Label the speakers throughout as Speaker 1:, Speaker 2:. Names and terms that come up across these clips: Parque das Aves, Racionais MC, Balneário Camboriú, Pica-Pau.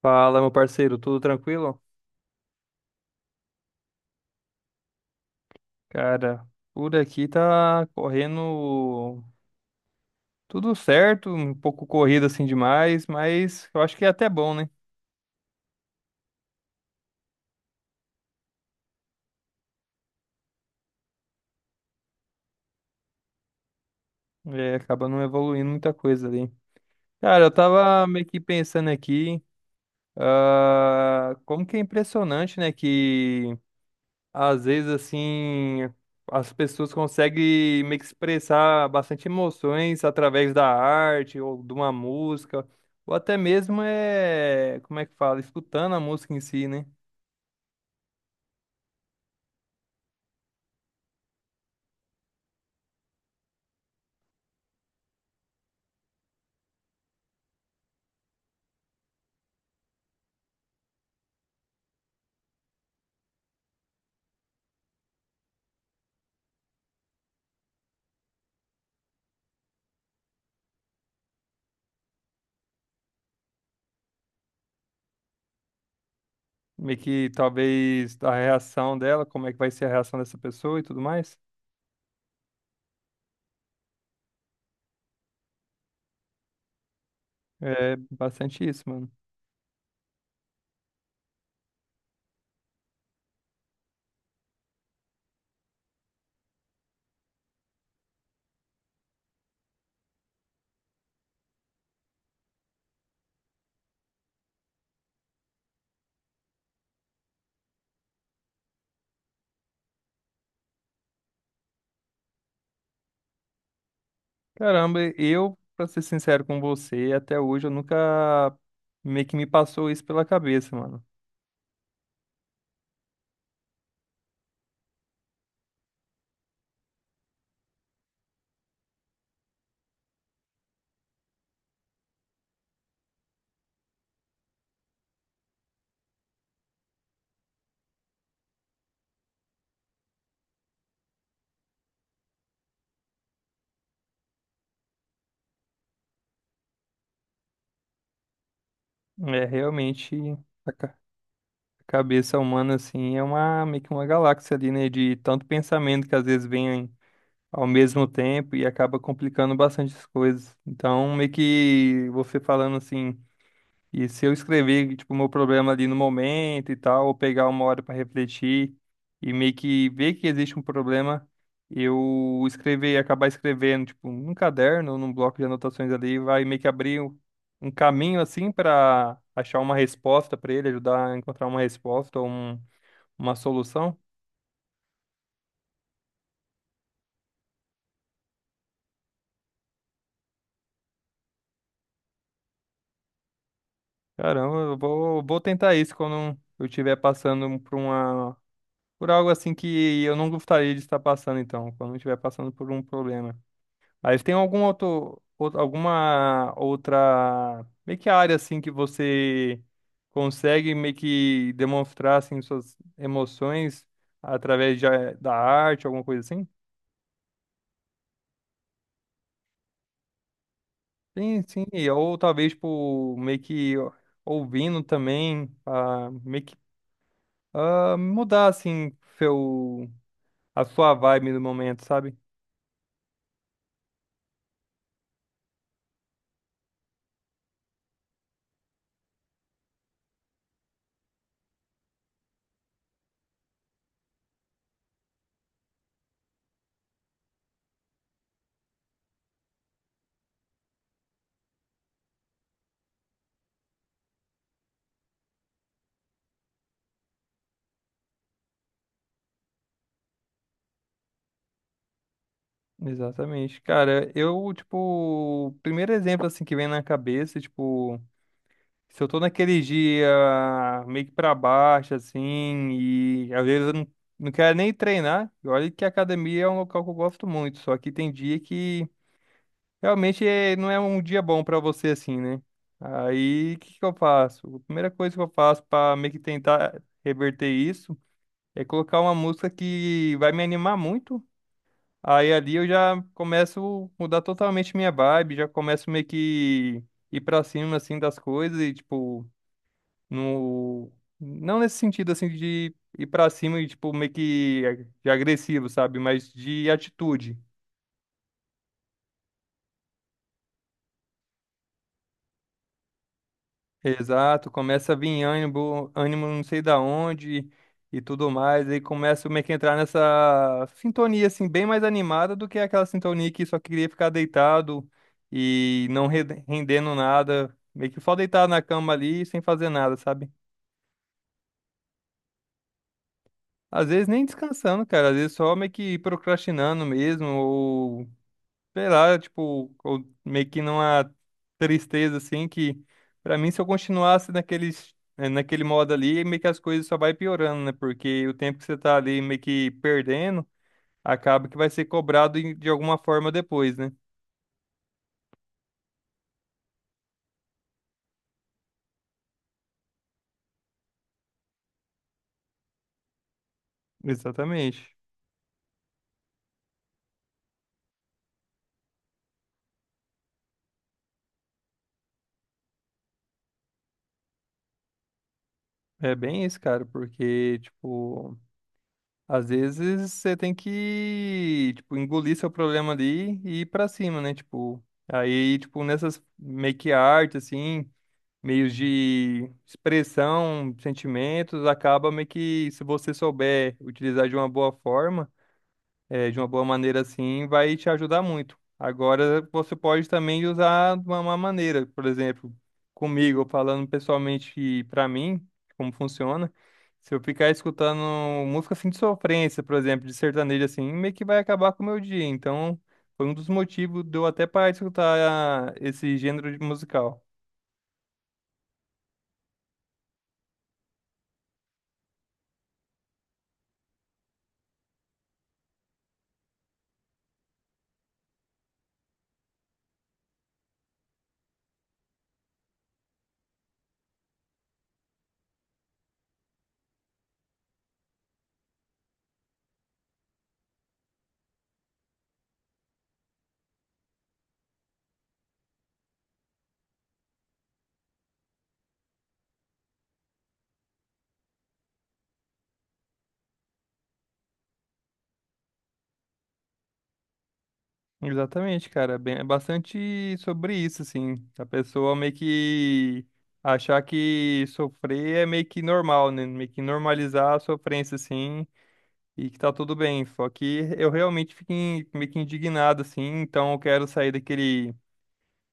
Speaker 1: Fala, meu parceiro, tudo tranquilo? Cara, por aqui tá correndo tudo certo, um pouco corrido assim demais, mas eu acho que é até bom, né? É, acaba não evoluindo muita coisa ali. Cara, eu tava meio que pensando aqui, como que é impressionante, né, que às vezes, assim, as pessoas conseguem meio que expressar bastante emoções através da arte ou de uma música, ou até mesmo como é que fala, escutando a música em si, né? Meio que talvez a reação dela, como é que vai ser a reação dessa pessoa e tudo mais. É bastante isso, mano. Caramba, eu, pra ser sincero com você, até hoje eu nunca meio que me passou isso pela cabeça, mano. É realmente. A cabeça humana, assim, é uma, meio que uma galáxia ali, né? De tanto pensamento que às vezes vem ao mesmo tempo e acaba complicando bastante as coisas. Então, meio que você falando assim. E se eu escrever, tipo, o meu problema ali no momento e tal, ou pegar uma hora para refletir e meio que ver que existe um problema, eu escrever, acabar escrevendo, tipo, num caderno ou num bloco de anotações ali, vai meio que abrir um caminho assim para achar uma resposta para ele, ajudar a encontrar uma resposta ou uma solução. Caramba, eu vou, tentar isso quando eu estiver passando por uma, por algo assim que eu não gostaria de estar passando, então, quando eu estiver passando por um problema. Aí você tem algum outro, alguma outra meio que área assim que você consegue meio que demonstrar assim suas emoções através da arte, alguma coisa assim? Sim, sim, e ou talvez tipo meio que ó, ouvindo também, meio que mudar assim seu a sua vibe no momento, sabe? Exatamente. Cara, eu tipo, o primeiro exemplo assim que vem na cabeça, tipo, se eu tô naquele dia meio que pra baixo, assim, e às vezes eu não, não quero nem treinar, e olha que a academia é um local que eu gosto muito, só que tem dia que realmente não é um dia bom pra você, assim, né? Aí, o que que eu faço? A primeira coisa que eu faço pra meio que tentar reverter isso é colocar uma música que vai me animar muito. Aí ali eu já começo a mudar totalmente minha vibe, já começo meio que ir pra cima, assim, das coisas e, tipo. No... Não nesse sentido, assim, de ir pra cima e, tipo, meio que de agressivo, sabe? Mas de atitude. Exato, começa a vir ânimo, ânimo não sei da onde e tudo mais. Aí começa meio que entrar nessa sintonia, assim, bem mais animada do que aquela sintonia que só queria ficar deitado e não rendendo nada. Meio que só deitado na cama ali sem fazer nada, sabe? Às vezes nem descansando, cara. Às vezes só meio que procrastinando mesmo, sei lá, tipo, eu meio que numa tristeza assim que, pra mim, se eu continuasse naquele modo ali, meio que as coisas só vai piorando, né? Porque o tempo que você tá ali meio que perdendo, acaba que vai ser cobrado de alguma forma depois, né? Exatamente. É bem isso, cara, porque tipo, às vezes você tem que, tipo, engolir seu problema ali e ir pra cima, né? Tipo, aí, tipo, nessas make art assim, meios de expressão, sentimentos, acaba meio que, se você souber utilizar de uma boa forma, de uma boa maneira assim, vai te ajudar muito. Agora, você pode também usar de uma má maneira, por exemplo, comigo, falando pessoalmente para mim, como funciona. Se eu ficar escutando música assim de sofrência, por exemplo, de sertanejo assim, meio que vai acabar com o meu dia. Então, foi um dos motivos de eu até parar de escutar esse gênero de musical. Exatamente, cara. Bem, é bastante sobre isso, assim. A pessoa meio que achar que sofrer é meio que normal, né? Meio que normalizar a sofrência, assim, e que tá tudo bem. Só que eu realmente fico meio que indignado, assim, então eu quero sair daquele.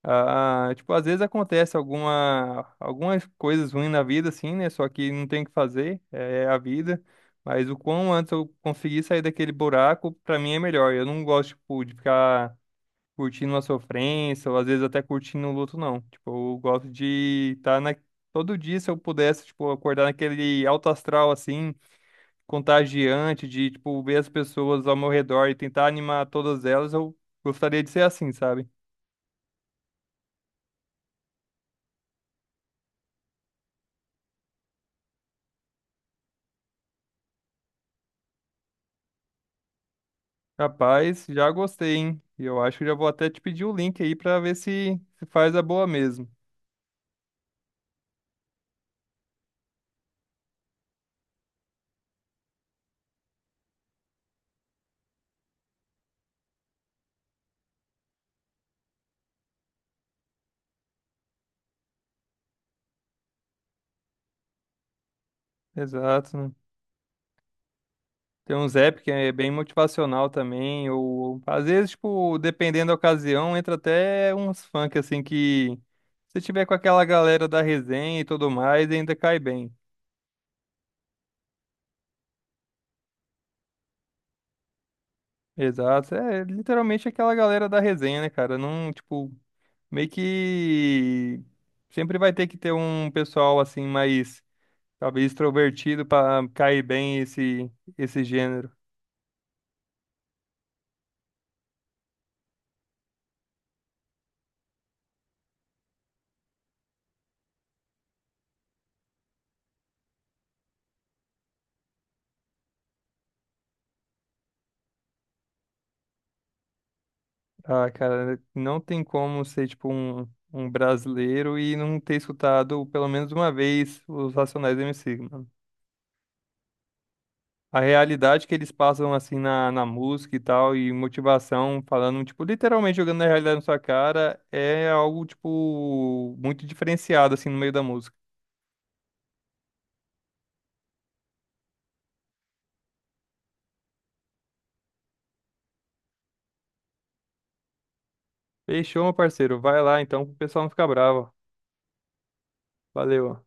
Speaker 1: Ah, tipo, às vezes acontece algumas coisas ruins na vida, assim, né? Só que não tem o que fazer, é a vida. Mas o quão antes eu conseguir sair daquele buraco, pra mim é melhor. Eu não gosto, tipo, de ficar curtindo a sofrência, ou às vezes até curtindo o luto, não. Tipo, eu gosto de estar na... todo dia, se eu pudesse, tipo, acordar naquele alto astral, assim, contagiante, de, tipo, ver as pessoas ao meu redor e tentar animar todas elas, eu gostaria de ser assim, sabe? Rapaz, já gostei, hein? E eu acho que já vou até te pedir o link aí pra ver se, se faz a boa mesmo. Exato, né? Tem uns app que é bem motivacional também, ou às vezes, tipo, dependendo da ocasião, entra até uns funk assim que, se tiver com aquela galera da resenha e tudo mais, ainda cai bem. Exato, é literalmente aquela galera da resenha, né, cara? Não, tipo, meio que sempre vai ter que ter um pessoal assim mais talvez extrovertido pra cair bem esse gênero. Ah, cara, não tem como ser, tipo, um brasileiro e não ter escutado pelo menos uma vez os Racionais MC, mano. A realidade que eles passam, assim, na música e tal, e motivação, falando, tipo, literalmente jogando na realidade na sua cara, é algo, tipo, muito diferenciado, assim, no meio da música. Fechou, meu parceiro. Vai lá, então, pro pessoal não ficar bravo. Valeu.